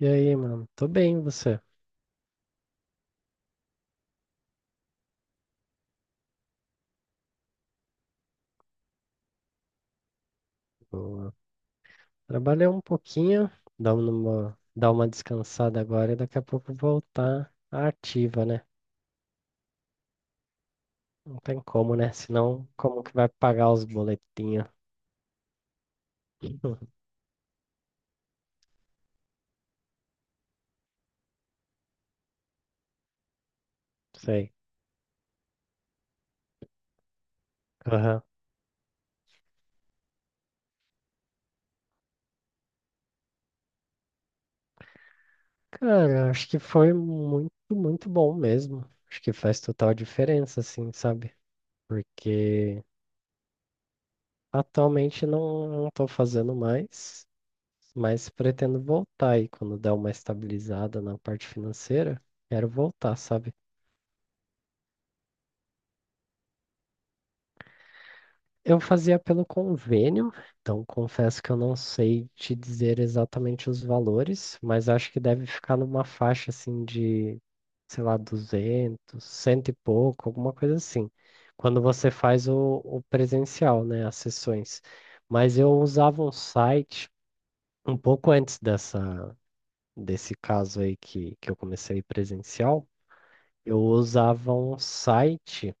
E aí, mano? Tô bem, e você? Boa. Trabalhei um pouquinho, dar uma descansada agora e daqui a pouco voltar à ativa, né? Não tem como, né? Senão, como que vai pagar os boletinhos? Sei. Aham. Cara, acho que foi muito, muito bom mesmo. Acho que faz total diferença, assim, sabe? Porque atualmente não tô fazendo mais. Mas pretendo voltar aí quando der uma estabilizada na parte financeira. Quero voltar, sabe? Eu fazia pelo convênio, então confesso que eu não sei te dizer exatamente os valores, mas acho que deve ficar numa faixa assim de, sei lá, 200, cento e pouco, alguma coisa assim. Quando você faz o presencial, né, as sessões. Mas eu usava um site um pouco antes desse caso aí que eu comecei presencial. Eu usava um site,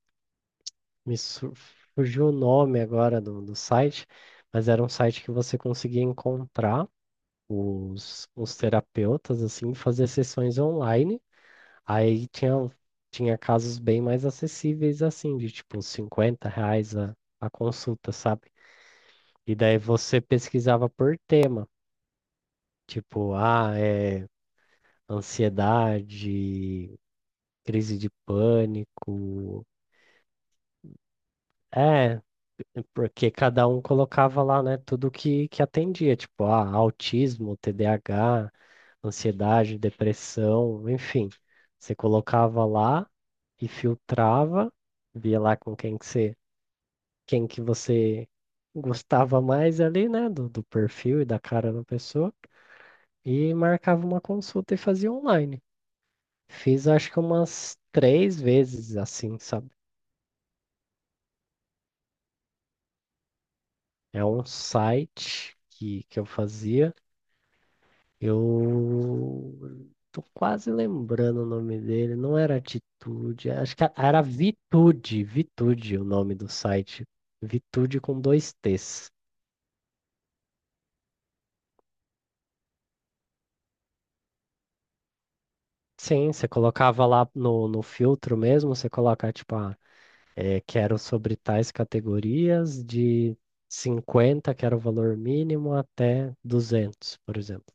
me su- fugiu o nome agora do site, mas era um site que você conseguia encontrar os terapeutas, assim, e fazer sessões online. Aí tinha casos bem mais acessíveis, assim, de tipo R$ 50 a consulta, sabe? E daí você pesquisava por tema, tipo, ah, é ansiedade, crise de pânico. É. Porque cada um colocava lá, né, tudo que atendia, tipo, ah, autismo, TDAH, ansiedade, depressão, enfim. Você colocava lá e filtrava, via lá com quem que você gostava mais ali, né, do perfil e da cara da pessoa, e marcava uma consulta e fazia online. Fiz acho que umas três vezes assim, sabe? É um site que eu fazia. Eu tô quase lembrando o nome dele. Não era Atitude, acho que era Vitude, Vitude o nome do site. Vitude com dois T's. Sim, você colocava lá no filtro mesmo, você coloca tipo, ah, é, quero sobre tais categorias de 50, que era o valor mínimo, até 200, por exemplo.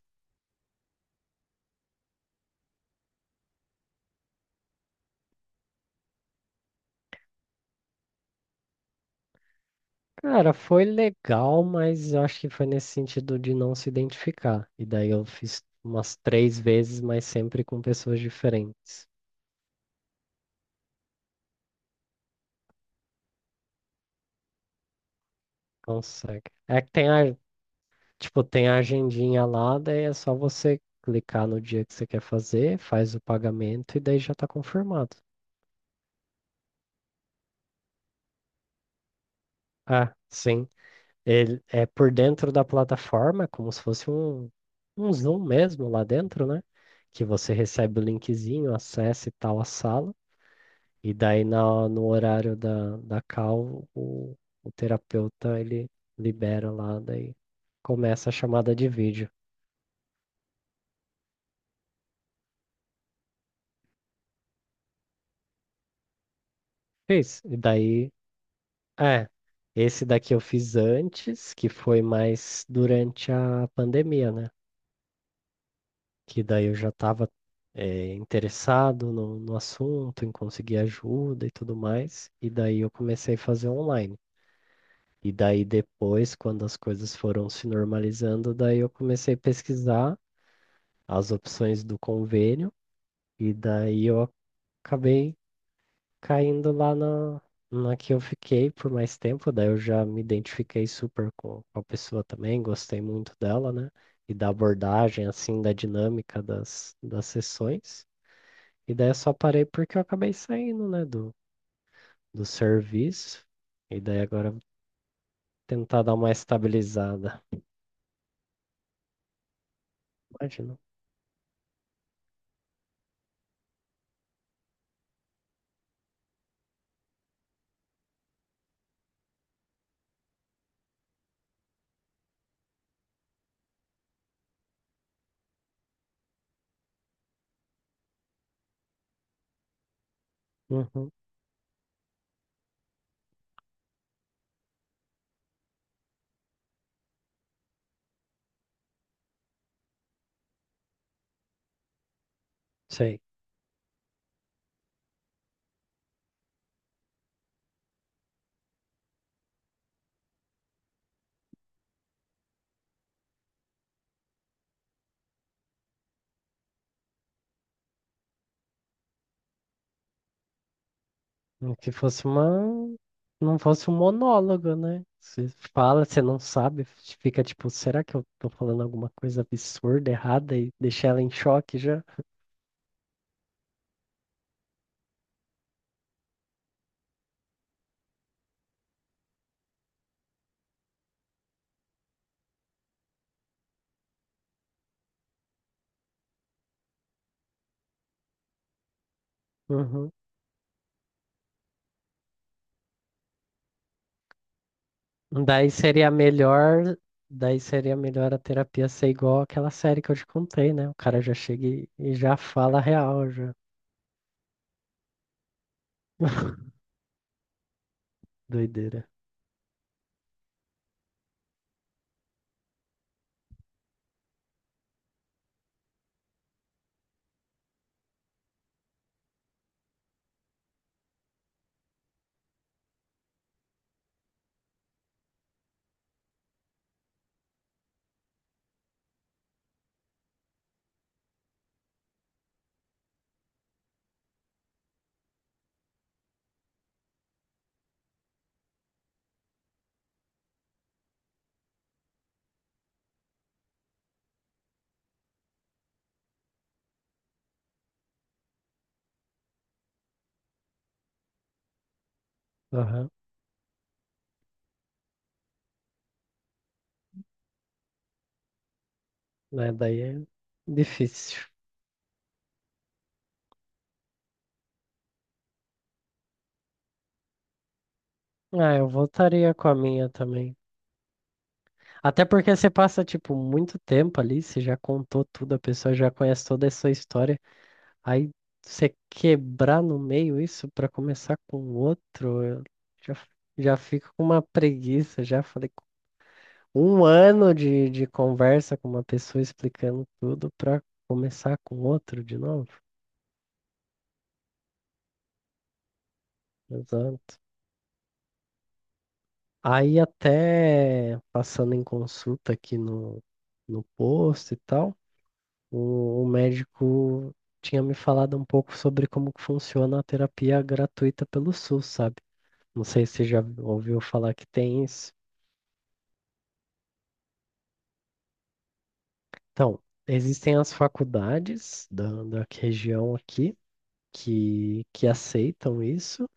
Cara, foi legal, mas eu acho que foi nesse sentido de não se identificar. E daí eu fiz umas três vezes, mas sempre com pessoas diferentes. Consegue. É que tem a agendinha lá, daí é só você clicar no dia que você quer fazer, faz o pagamento e daí já tá confirmado. Ah, sim. Ele é por dentro da plataforma, é como se fosse um Zoom mesmo lá dentro, né? Que você recebe o linkzinho, acessa e tal a sala. E daí no horário da call, o terapeuta ele libera lá, daí começa a chamada de vídeo. Fez. E daí, é, esse daqui eu fiz antes, que foi mais durante a pandemia, né? Que daí eu já estava interessado no assunto, em conseguir ajuda e tudo mais. E daí eu comecei a fazer online. E daí depois, quando as coisas foram se normalizando, daí eu comecei a pesquisar as opções do convênio, e daí eu acabei caindo lá na que eu fiquei por mais tempo, daí eu já me identifiquei super com a pessoa também, gostei muito dela, né? E da abordagem, assim, da dinâmica das sessões. E daí eu só parei porque eu acabei saindo, né, do serviço. E daí agora eu vou tentar dar uma estabilizada. Imagina. Uhum, sei. Que fosse uma. Não fosse um monólogo, né? Você fala, você não sabe, fica tipo, será que eu tô falando alguma coisa absurda, errada e deixa ela em choque já? Uhum. Daí seria melhor, daí seria melhor a terapia ser igual aquela série que eu te contei, né? O cara já chega e já fala a real já. Doideira. Aham. Né, daí é difícil. Ah, eu voltaria com a minha também. Até porque você passa, tipo, muito tempo ali, você já contou tudo, a pessoa já conhece toda a sua história. Aí você quebrar no meio isso pra começar com outro, eu já, já fico com uma preguiça. Já falei, um ano de conversa com uma pessoa explicando tudo pra começar com outro de novo. Exato. Aí até passando em consulta aqui no posto e tal. O médico tinha me falado um pouco sobre como que funciona a terapia gratuita pelo SUS, sabe? Não sei se já ouviu falar que tem isso. Então, existem as faculdades da região aqui que aceitam isso,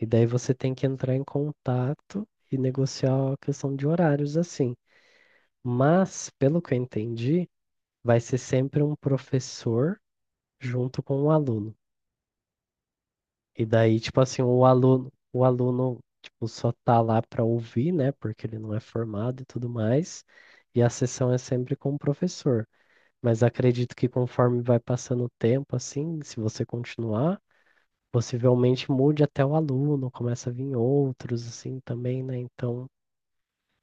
e daí você tem que entrar em contato e negociar a questão de horários, assim. Mas, pelo que eu entendi, vai ser sempre um professor junto com o aluno. E daí, tipo assim, o aluno, tipo, só tá lá para ouvir, né? Porque ele não é formado e tudo mais. E a sessão é sempre com o professor. Mas acredito que conforme vai passando o tempo, assim, se você continuar, possivelmente mude até o aluno, começa a vir outros, assim, também, né? Então,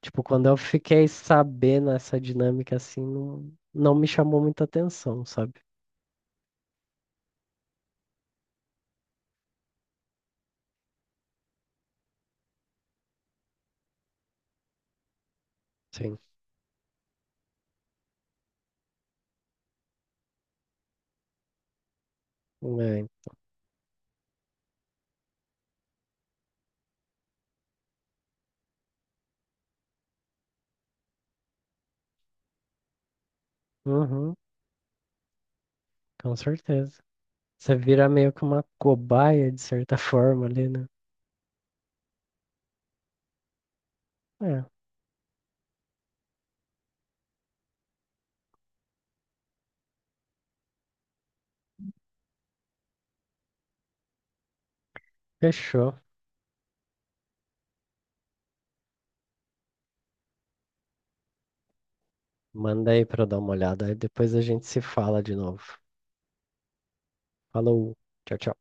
tipo, quando eu fiquei sabendo essa dinâmica, assim, não me chamou muita atenção, sabe? Sim. É. Uhum, com certeza. Você vira meio que uma cobaia, de certa forma, ali, né? É, fechou. Manda aí pra eu dar uma olhada. Aí depois a gente se fala de novo. Falou, tchau, tchau.